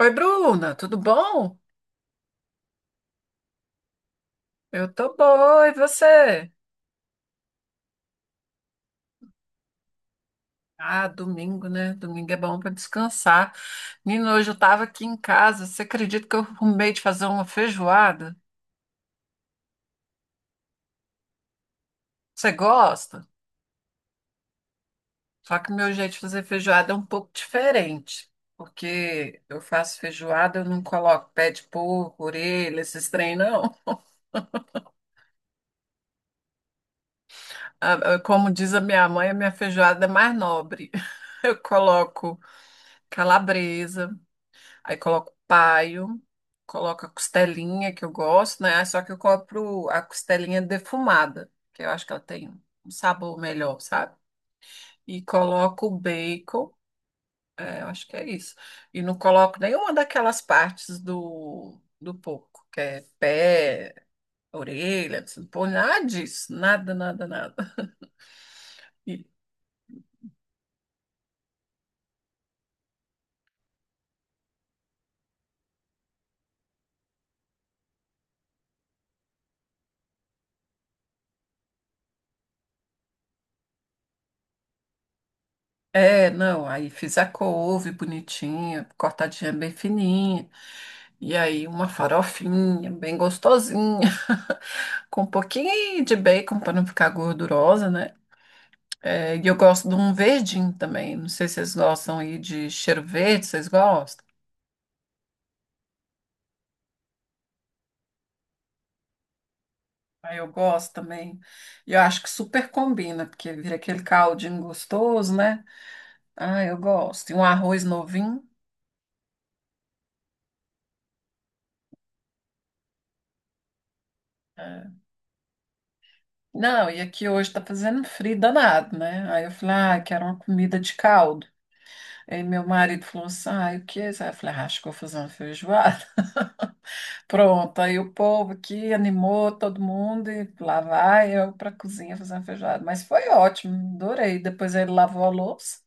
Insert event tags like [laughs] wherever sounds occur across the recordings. Oi, Bruna, tudo bom? Eu tô boa, e você? Ah, domingo, né? Domingo é bom para descansar. Menino, hoje eu tava aqui em casa. Você acredita que eu arrumei de fazer uma feijoada? Você gosta? Só que o meu jeito de fazer feijoada é um pouco diferente, porque eu faço feijoada, eu não coloco pé de porco, orelha, esses trem, não. Como diz a minha mãe, a minha feijoada é mais nobre. [laughs] Eu coloco calabresa. Aí coloco paio, coloco a costelinha que eu gosto, né? Só que eu compro a costelinha defumada, que eu acho que ela tem um sabor melhor, sabe? E coloco o bacon, é, eu acho que é isso. E não coloco nenhuma daquelas partes do porco, que é pé, orelha, não põe nada disso, nada, nada, nada. E- É, não, aí fiz a couve bonitinha, cortadinha bem fininha. E aí uma farofinha bem gostosinha, [laughs] com um pouquinho de bacon para não ficar gordurosa, né? É, e eu gosto de um verdinho também. Não sei se vocês gostam aí de cheiro verde, vocês gostam? Aí eu gosto também. E eu acho que super combina, porque vira aquele caldinho gostoso, né? Ah, eu gosto. E um arroz novinho. Não, e aqui hoje tá fazendo frio danado, né? Aí eu falei, ah, quero uma comida de caldo. Aí meu marido falou assim, ah, e o que? É, aí eu falei, ah, acho que vou fazer uma feijoada. [laughs] Pronto, aí o povo aqui animou todo mundo e lá vai eu pra cozinha fazer uma feijoada. Mas foi ótimo, adorei. Depois ele lavou a louça,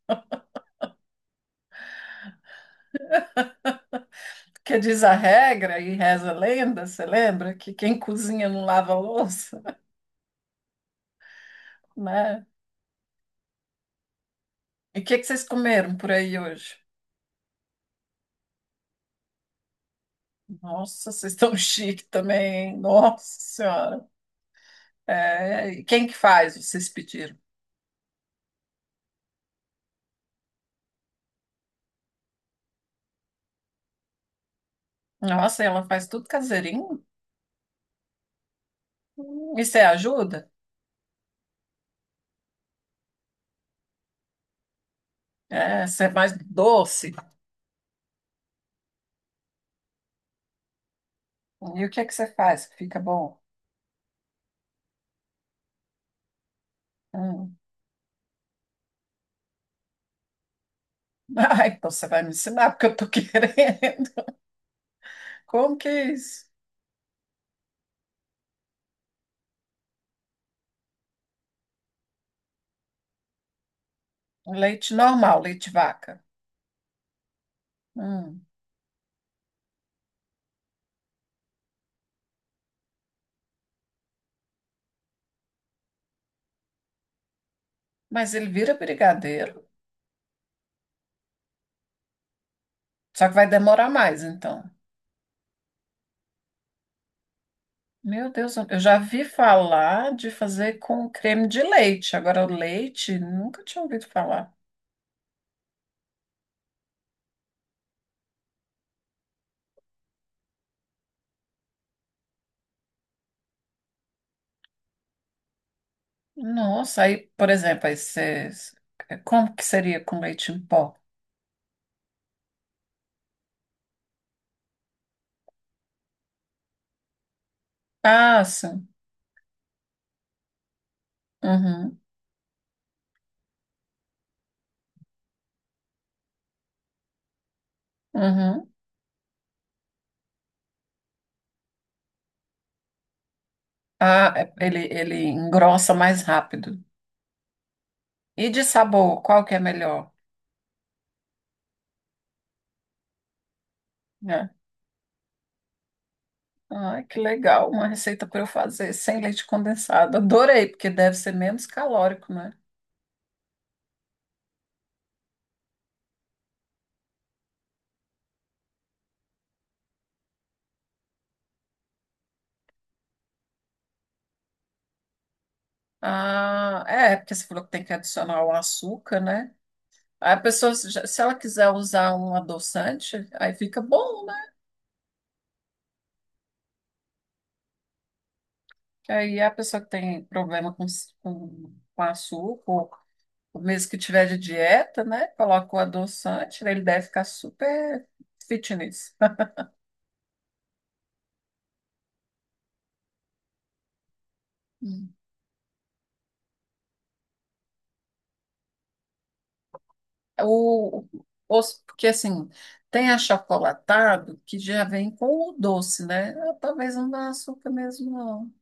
porque diz a regra e reza a lenda, você lembra? Que quem cozinha não lava a louça, né? E o que que vocês comeram por aí hoje? Nossa, vocês estão [laughs] chique também, hein? Nossa Senhora. É, e quem que faz? Vocês pediram. Nossa, ela faz tudo caseirinho? E você ajuda? É, você é mais doce? E o que é que você faz que fica bom? Hum. [laughs] Ah, então você vai me ensinar, porque eu tô [laughs] querendo. Como que é isso? Leite normal, leite de vaca. Hum. Mas ele vira brigadeiro. Só que vai demorar mais, então. Meu Deus, eu já vi falar de fazer com creme de leite. Agora, leite, nunca tinha ouvido falar. Nossa, aí, por exemplo, como que seria com leite em pó? Ah, sim. Uhum, uhum. Ah, é- ele engrossa mais rápido. E de sabor, qual que é melhor? Né? Ai, que legal, uma receita para eu fazer sem leite condensado. Adorei, porque deve ser menos calórico, né? Ah, é, porque você falou que tem que adicionar o açúcar, né? Aí a pessoa, se ela quiser usar um adoçante, aí fica bom. Aí a pessoa que tem problema com açúcar, ou mesmo que tiver de dieta, né? Coloca o adoçante, ele deve ficar super fitness. Hum. O, porque assim, tem achocolatado que já vem com o doce, né? Ah, talvez não dá açúcar mesmo, não.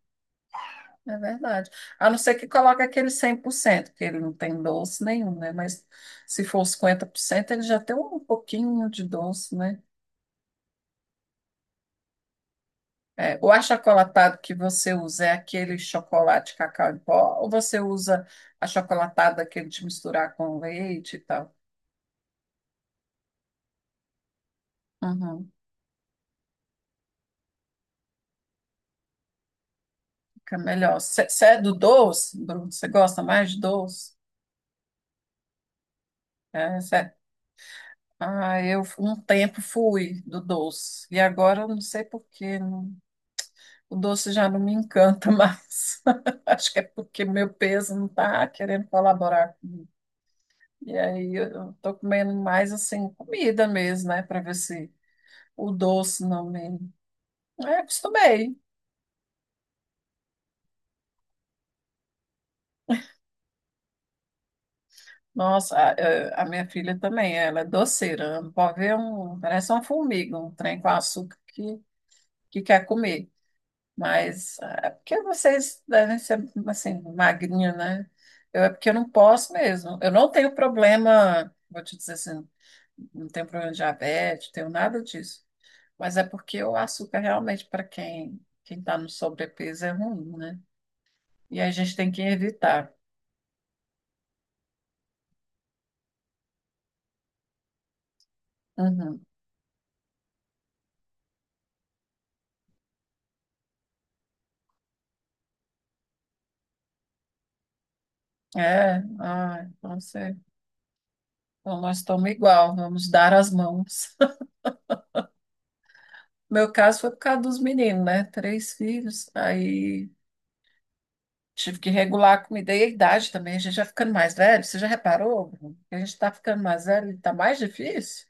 É verdade. A não ser que coloque aquele 100% que ele não tem doce nenhum, né? Mas se for 50% ele já tem um pouquinho de doce, né? É, o achocolatado que você usa é aquele chocolate cacau em pó, ou você usa achocolatado daquele de misturar com leite e tal? Uhum, fica melhor. Você é do doce, Bruno? Você gosta mais de doce? É, cê- é. Ah, eu um tempo fui do doce, e agora eu não sei por quê. O doce já não me encanta mais. [laughs] Acho que é porque meu peso não está querendo colaborar. E aí eu estou comendo mais assim, comida mesmo, né? Para ver se. O doce, não lembro. É, acostumei. Nossa, a minha filha também, ela é doceira. Não pode ver um, parece uma formiga, um trem com açúcar que quer comer. Mas ah, é porque vocês devem ser assim, magrinho, né? Eu, é porque eu não posso mesmo. Eu não tenho problema, vou te dizer assim, não tenho problema de diabetes, tenho nada disso. Mas é porque o açúcar realmente, para quem está no sobrepeso, é ruim, né? E a gente tem que evitar. Uhum. É, ah, então, você, então nós estamos igual, vamos dar as mãos. [laughs] Meu caso foi por causa dos meninos, né? Três filhos, aí tive que regular a comida e a idade também. A gente já ficando mais velho, você já reparou? Bruno, que a gente está ficando mais velho e está mais difícil?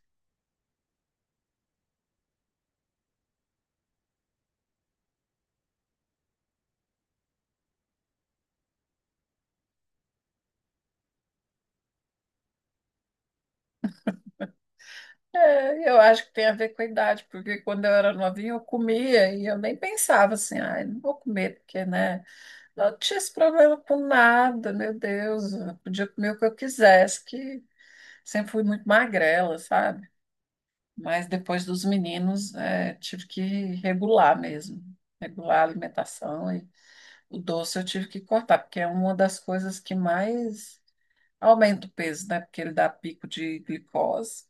É, eu acho que tem a ver com a idade, porque quando eu era novinha eu comia e eu nem pensava assim, ai, não vou comer, porque, né? Não tinha esse problema com nada, meu Deus, eu podia comer o que eu quisesse, que sempre fui muito magrela, sabe? Mas depois dos meninos, é, tive que regular mesmo, regular a alimentação e o doce eu tive que cortar, porque é uma das coisas que mais aumenta o peso, né? Porque ele dá pico de glicose.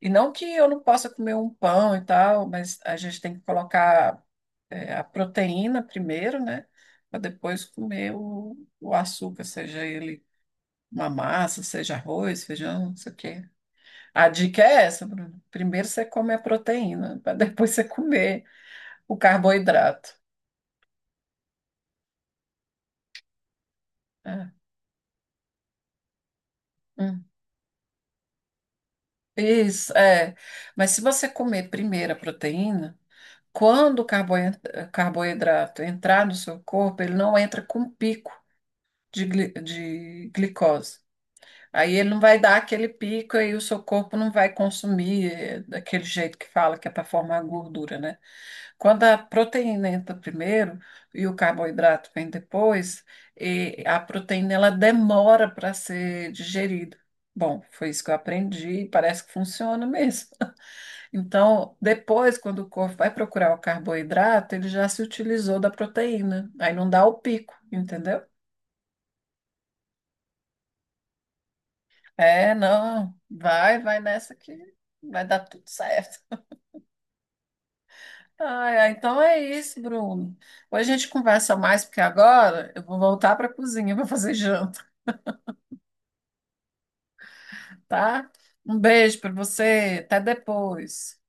E não que eu não possa comer um pão e tal, mas a gente tem que colocar, é, a proteína primeiro, né? Para depois comer o açúcar, seja ele uma massa, seja arroz, feijão, não sei o quê. A dica é essa, Bruno. Primeiro você come a proteína, para [laughs] depois você comer o carboidrato. É. Hum. Isso, é. Mas se você comer primeiro a proteína, quando o carboidrato entrar no seu corpo, ele não entra com pico de, de glicose. Aí ele não vai dar aquele pico e o seu corpo não vai consumir é, daquele jeito que fala que é para formar gordura, né? Quando a proteína entra primeiro e o carboidrato vem depois, e a proteína ela demora para ser digerida. Bom, foi isso que eu aprendi e parece que funciona mesmo. Então, depois, quando o corpo vai procurar o carboidrato, ele já se utilizou da proteína. Aí não dá o pico, entendeu? É, não, vai, vai nessa que vai dar tudo certo. Ai, ai, então é isso, Bruno. Hoje a gente conversa mais, porque agora eu vou voltar para a cozinha para fazer janta. Tá? Um beijo para você, até depois.